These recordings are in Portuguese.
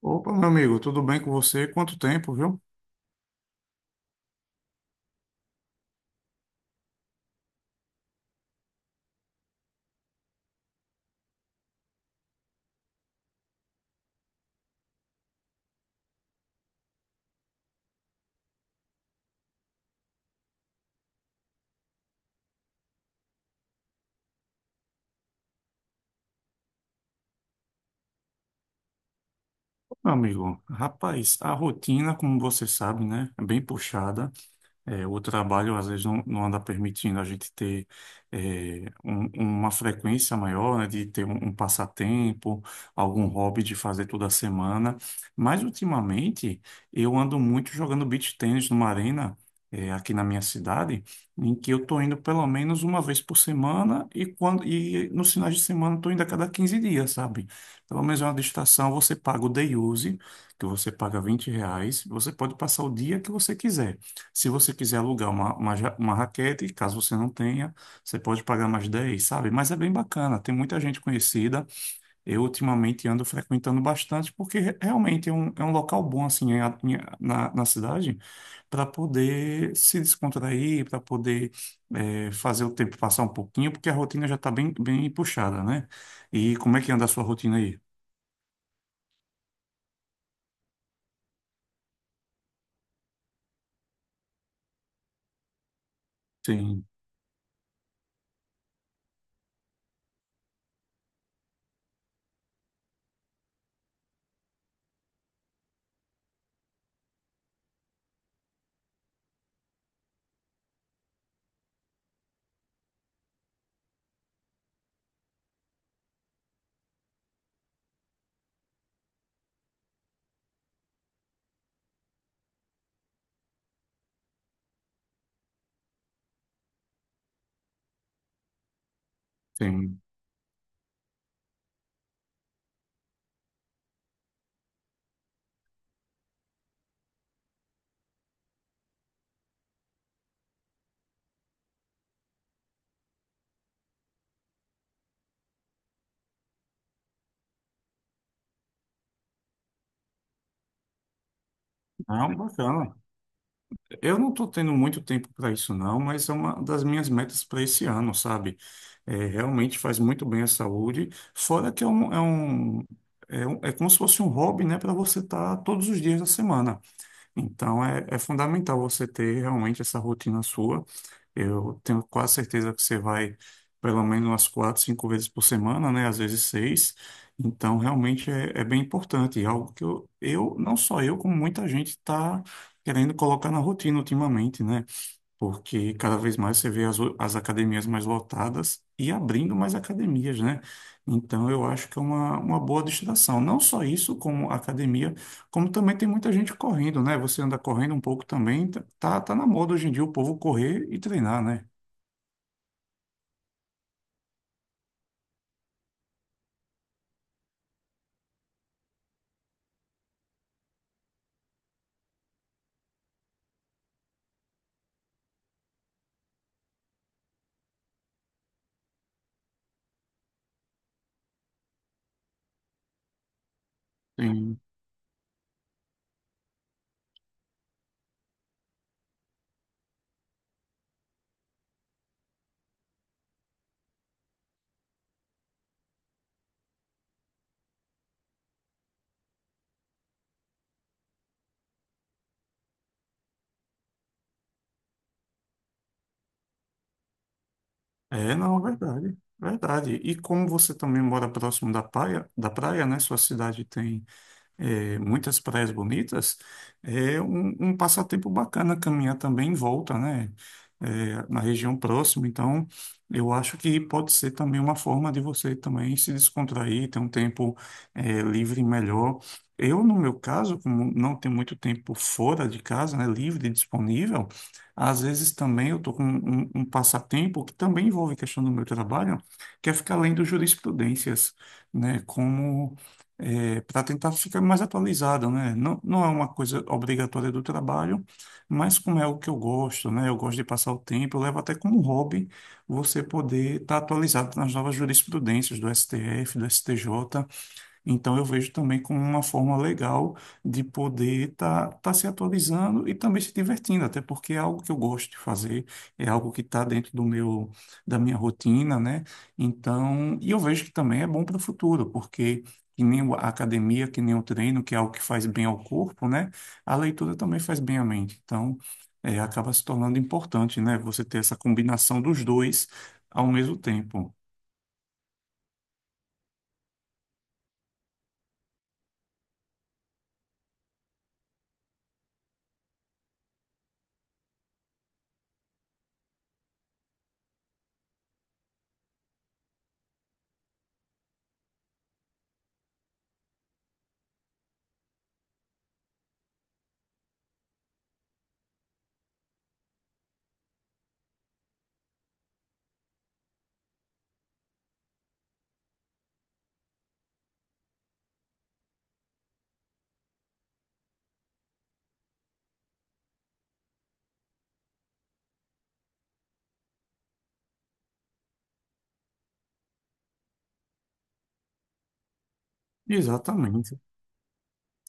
Opa, meu amigo, tudo bem com você? Quanto tempo, viu? Meu amigo, rapaz, a rotina, como você sabe, né, é bem puxada. É, o trabalho às vezes não anda permitindo a gente ter uma frequência maior, né, de ter um passatempo, algum hobby de fazer toda semana. Mas ultimamente eu ando muito jogando beach tennis numa arena aqui na minha cidade, em que eu estou indo pelo menos uma vez por semana e quando e nos finais de semana estou indo a cada 15 dias, sabe? Pelo menos é uma distração, você paga o day use, que você paga R$ 20, você pode passar o dia que você quiser. Se você quiser alugar uma raquete, caso você não tenha, você pode pagar mais 10, sabe? Mas é bem bacana, tem muita gente conhecida. Eu ultimamente ando frequentando bastante, porque realmente é é um local bom, assim, na cidade, para poder se descontrair, para poder fazer o tempo passar um pouquinho, porque a rotina já está bem puxada, né? E como é que anda a sua rotina aí? Sim, sim. Não, bacana. Eu não estou tendo muito tempo para isso, não, mas é uma das minhas metas para esse ano, sabe? É, realmente faz muito bem à saúde, fora então é, é fundamental você ter realmente essa rotina sua. Eu tenho quase certeza que você vai pelo menos umas 4, 5 vezes por semana, né? Às vezes seis. Então realmente é, é bem importante. E algo que eu, não só eu, como muita gente está querendo colocar na rotina ultimamente, né? Porque cada vez mais você vê as academias mais lotadas e abrindo mais academias, né? Então, eu acho que é uma boa destinação. Não só isso, como academia, como também tem muita gente correndo, né? Você anda correndo um pouco também, tá na moda hoje em dia o povo correr e treinar, né? Sim. É, não, verdade, verdade. E como você também mora próximo da praia, né? Sua cidade tem muitas praias bonitas, é um passatempo bacana caminhar também em volta, né? Na região próxima. Então, eu acho que pode ser também uma forma de você também se descontrair, ter um tempo livre melhor. Eu, no meu caso, como não tenho muito tempo fora de casa, né, livre e disponível, às vezes também eu estou com um passatempo que também envolve questão do meu trabalho, que é ficar lendo jurisprudências, né, como para tentar ficar mais atualizado, né? Não é uma coisa obrigatória do trabalho, mas como é algo que eu gosto, né? Eu gosto de passar o tempo, eu levo até como hobby você poder estar atualizado nas novas jurisprudências do STF, do STJ. Então eu vejo também como uma forma legal de poder estar se atualizando e também se divertindo, até porque é algo que eu gosto de fazer, é algo que está dentro do meu da minha rotina, né? Então, e eu vejo que também é bom para o futuro, porque que nem a academia, que nem o treino, que é algo que faz bem ao corpo, né? A leitura também faz bem à mente. Então, é, acaba se tornando importante, né? Você ter essa combinação dos dois ao mesmo tempo. Exatamente.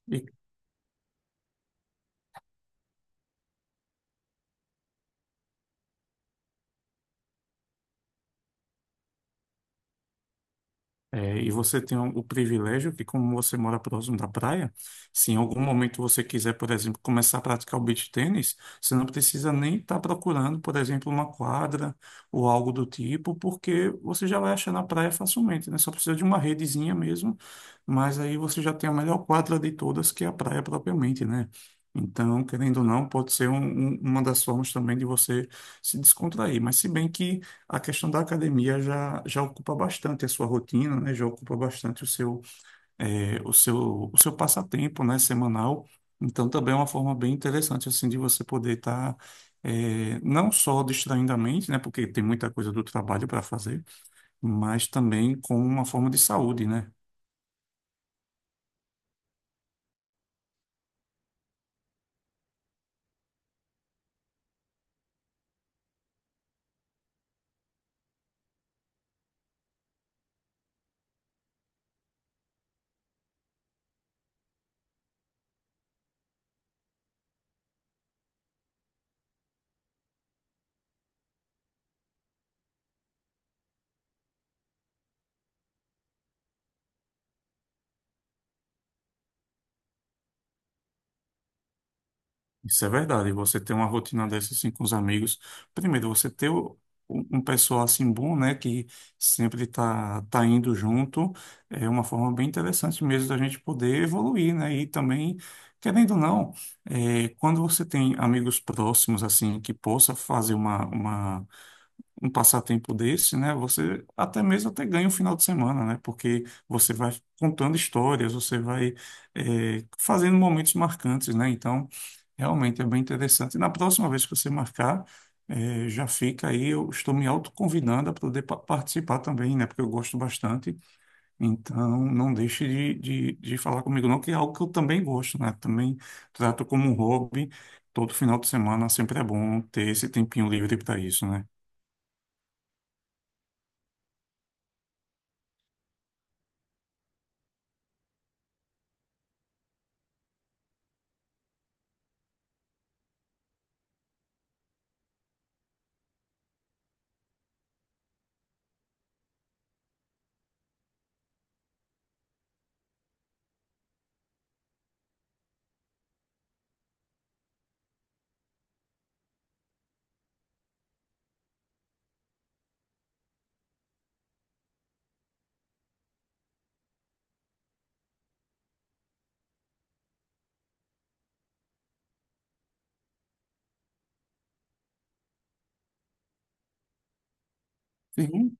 E e você tem o privilégio que, como você mora próximo da praia, se em algum momento você quiser, por exemplo, começar a praticar o beach tênis, você não precisa nem estar procurando, por exemplo, uma quadra ou algo do tipo, porque você já vai achar na praia facilmente, né? Só precisa de uma redezinha mesmo, mas aí você já tem a melhor quadra de todas, que é a praia propriamente, né? Então, querendo ou não, pode ser uma das formas também de você se descontrair. Mas se bem que a questão da academia já ocupa bastante a sua rotina, né? Já ocupa bastante o seu, o seu passatempo, né? Semanal. Então, também é uma forma bem interessante, assim, de você poder estar, não só distraindo a mente, né? Porque tem muita coisa do trabalho para fazer, mas também com uma forma de saúde, né? Isso é verdade. Você ter uma rotina dessa assim com os amigos. Primeiro, você ter um pessoal assim bom, né, que sempre tá indo junto, é uma forma bem interessante mesmo da gente poder evoluir, né? E também, querendo ou não, é, quando você tem amigos próximos assim que possa fazer uma um passatempo desse, né? Você até mesmo até ganha um final de semana, né? Porque você vai contando histórias, você vai fazendo momentos marcantes, né? Então, realmente é bem interessante. E na próxima vez que você marcar, já fica aí, eu estou me autoconvidando a poder participar também, né? Porque eu gosto bastante. Então, não deixe de falar comigo, não, que é algo que eu também gosto, né? Também trato como um hobby. Todo final de semana sempre é bom ter esse tempinho livre para isso, né? Sim.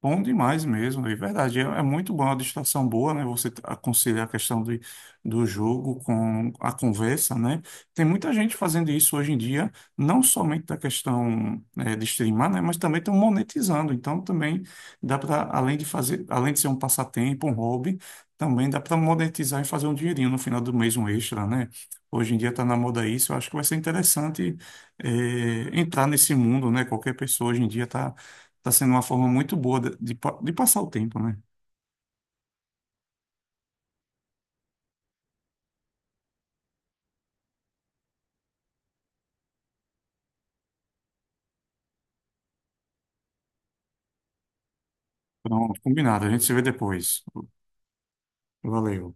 Bom demais mesmo, é verdade. É, é muito bom, é uma distração boa, né? Você conciliar a questão do, do jogo com a conversa, né? Tem muita gente fazendo isso hoje em dia, não somente da questão de streamar, né? Mas também estão monetizando. Então também dá para, além de fazer, além de ser um passatempo, um hobby, também dá para monetizar e fazer um dinheirinho no final do mês, um extra, né? Hoje em dia está na moda isso, eu acho que vai ser interessante entrar nesse mundo, né? Qualquer pessoa hoje em dia está tá sendo uma forma muito boa de de passar o tempo, né? Então, combinado. A gente se vê depois. Valeu.